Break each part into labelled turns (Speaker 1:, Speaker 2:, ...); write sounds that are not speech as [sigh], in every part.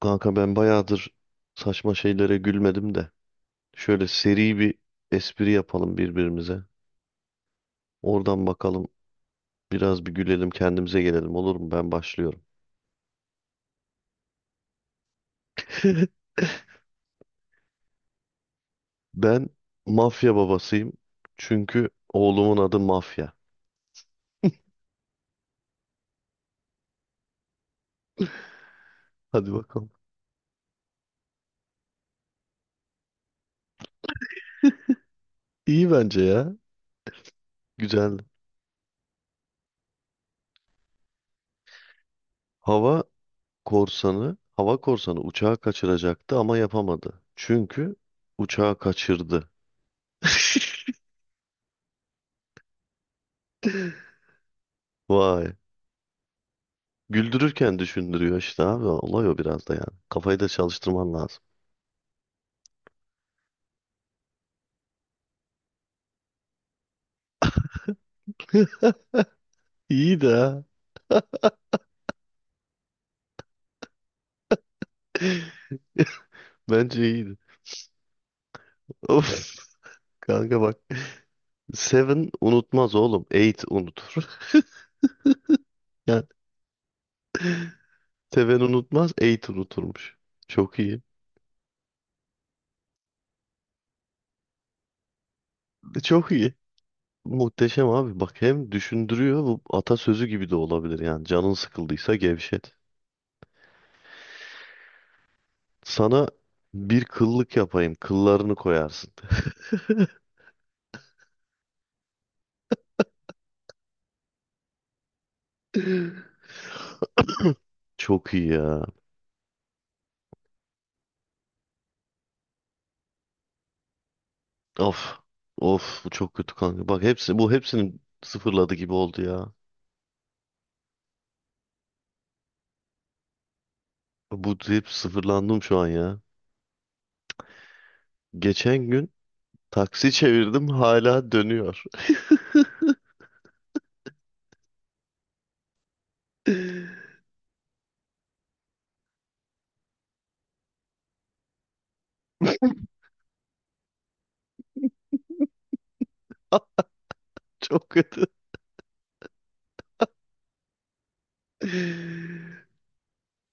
Speaker 1: Kanka ben bayağıdır saçma şeylere gülmedim de. Şöyle seri bir espri yapalım birbirimize. Oradan bakalım biraz gülelim kendimize gelelim, olur mu? Ben başlıyorum. [laughs] Ben mafya babasıyım. Çünkü oğlumun adı mafya. Hadi bakalım. İyi bence ya. Güzel. Hava hava korsanı uçağı kaçıracaktı ama yapamadı. Çünkü uçağı kaçırdı. [laughs] Vay. Güldürürken düşündürüyor işte abi. Olay o biraz da yani. Kafayı da çalıştırman lazım. İyi de [laughs] bence iyiydi. Of, kanka bak. Seven unutmaz oğlum. Eight unutur. [laughs] Yani Seven unutmaz. Eight unuturmuş. Çok iyi. Çok iyi. Muhteşem abi. Bak, hem düşündürüyor. Bu atasözü gibi de olabilir yani. Canın sıkıldıysa gevşet. Sana bir kıllık yapayım. Kıllarını koyarsın. [laughs] Çok iyi ya. Of. Of, bu çok kötü kanka. Bak, hepsi bu, hepsini sıfırladı gibi oldu ya. Bu hep sıfırlandım şu an ya. Geçen gün taksi çevirdim, hala dönüyor. [laughs] Çok kötü.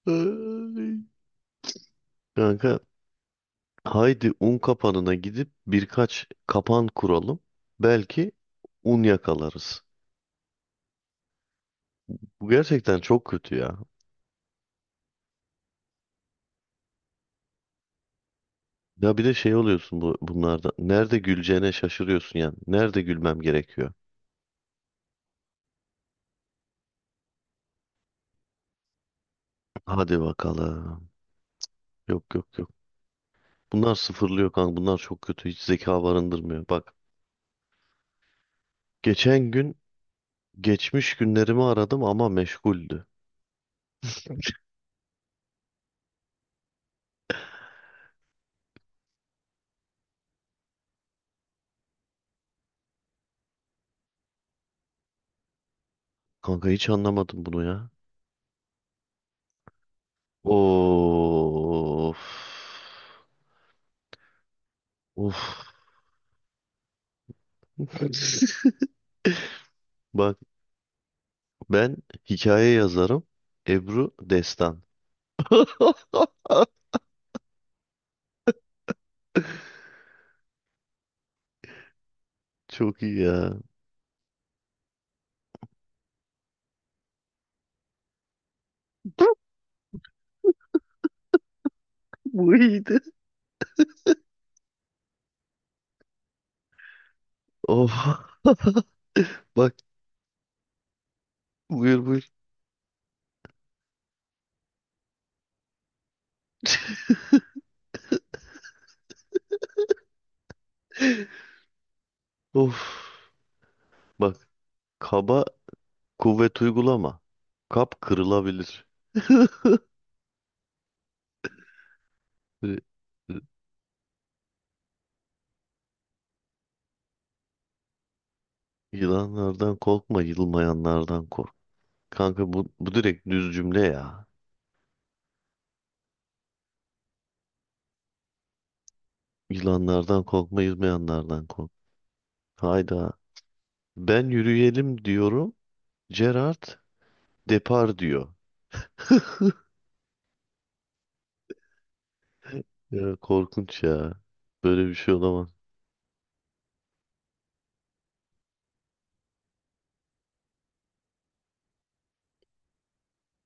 Speaker 1: Ay. Kanka, haydi un kapanına gidip birkaç kapan kuralım. Belki un yakalarız. Bu gerçekten çok kötü ya. Ya bir de şey oluyorsun bunlarda. Nerede güleceğine şaşırıyorsun yani. Nerede gülmem gerekiyor? Hadi bakalım. Yok, yok, yok. Bunlar sıfırlıyor kanka. Bunlar çok kötü. Hiç zeka barındırmıyor. Bak, geçen gün geçmiş günlerimi aradım ama meşguldü. Kanka, hiç anlamadım bunu ya. Of. Of. [laughs] Bak, ben hikaye yazarım. Ebru Destan. [laughs] Çok iyi ya. [laughs] Bu iyiydi. Of. Bak, buyur buyur. Of. Bak, kaba kuvvet uygulama. Kap kırılabilir. Ee, Yılanlardan korkma, yılmayanlardan kork. Kanka bu direkt düz cümle ya. Yılanlardan korkma, yılmayanlardan kork. Hayda. Ben yürüyelim diyorum. Gerard depar diyor. Ya korkunç ya. Böyle bir şey olamaz.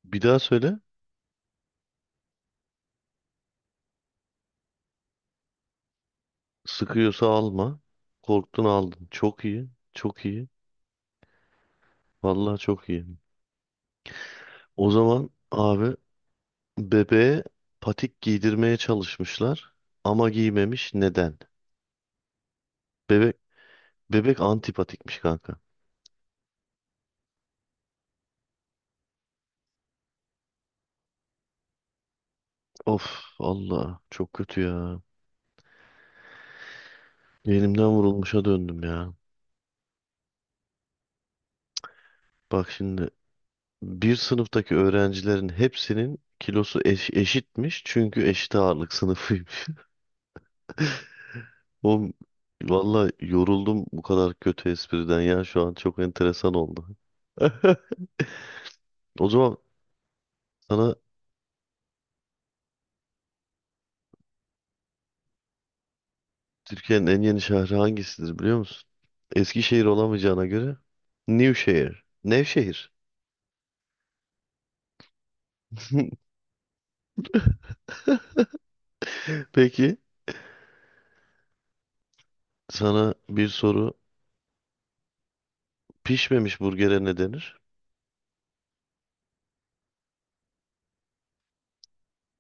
Speaker 1: Bir daha söyle. Sıkıyorsa alma. Korktun aldın. Çok iyi. Çok iyi. Vallahi çok iyi. O zaman abi, bebeğe patik giydirmeye çalışmışlar. Ama giymemiş. Neden? Bebek Bebek antipatikmiş kanka. Of Allah, çok kötü ya. Elimden vurulmuşa döndüm ya. Bak şimdi, bir sınıftaki öğrencilerin hepsinin kilosu eşitmiş çünkü eşit ağırlık sınıfıymış. [laughs] Oğlum, valla yoruldum, bu kadar kötü espriden ya şu an çok enteresan oldu. [laughs] O zaman sana Türkiye'nin en yeni şehri hangisidir biliyor musun? Eskişehir olamayacağına göre Nevşehir. Nevşehir. [laughs] Peki, sana bir soru: pişmemiş burgere ne denir?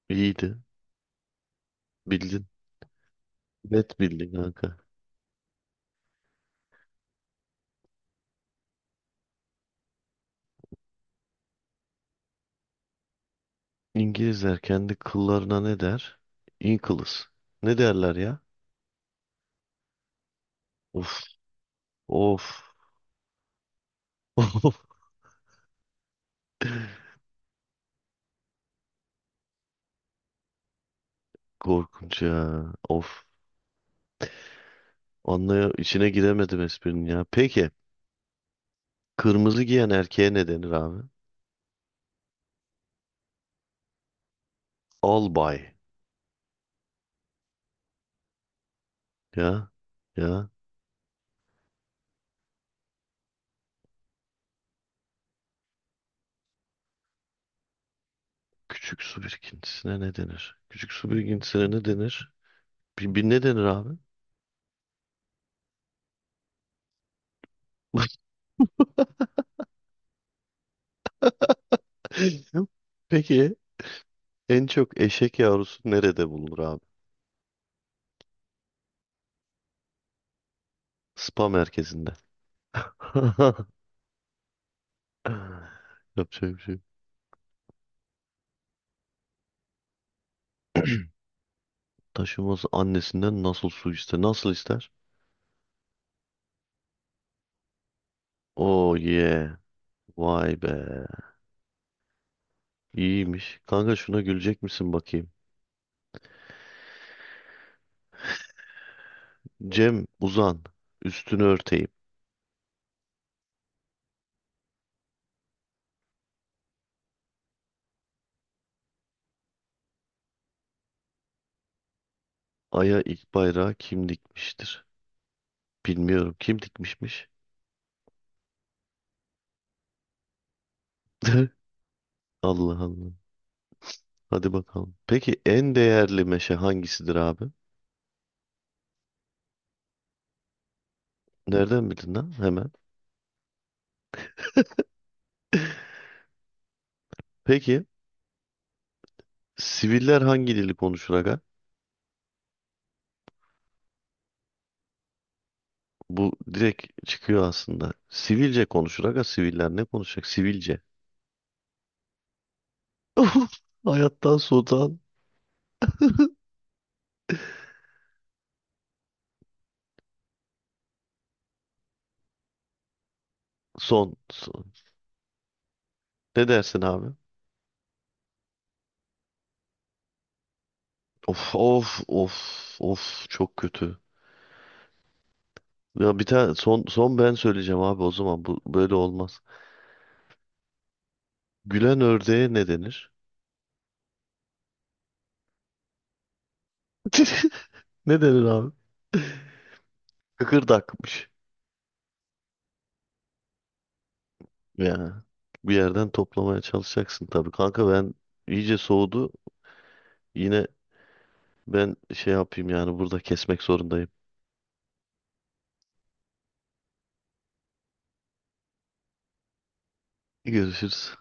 Speaker 1: İyiydi. Bildin. Net bildin kanka. İngilizler kendi kıllarına ne der? Inkles. Ne derler ya? Of. Of. [laughs] Of. Korkunç ya. Of. Anlaya içine giremedim esprinin ya. Peki. Kırmızı giyen erkeğe ne denir abi? Albay. Ya. Ya. Küçük su birikintisine ne denir? Küçük su birikintisine ne denir? Bir ne denir abi? [laughs] Peki. En çok eşek yavrusu nerede bulunur abi? Spa merkezinde. [laughs] Yapacak bir şey yok. [clears throat] Taşıması annesinden nasıl su ister? Nasıl ister? Oh yeah. Vay be. İyiymiş. Kanka, şuna gülecek misin bakayım? Cem uzan. Üstünü örteyim. Ay'a ilk bayrağı kim dikmiştir? Bilmiyorum. Kim dikmişmiş? [laughs] Allah Allah. Hadi bakalım. Peki, en değerli meşe hangisidir abi? Nereden bildin lan hemen? Peki, siviller hangi dili konuşur aga? Bu direkt çıkıyor aslında. Sivilce konuşur aga. Siviller ne konuşacak? Sivilce. [laughs] Hayattan soğutan son, son. Ne dersin abi? Of, of, of, of, çok kötü. Ya bir tane son son ben söyleyeceğim abi, o zaman bu böyle olmaz. Gülen ördeğe ne denir? [laughs] Ne denir abi? Kıkırdakmış. Ya bir yerden toplamaya çalışacaksın tabii. Kanka, ben iyice soğudu. Yine ben şey yapayım yani, burada kesmek zorundayım. Görüşürüz.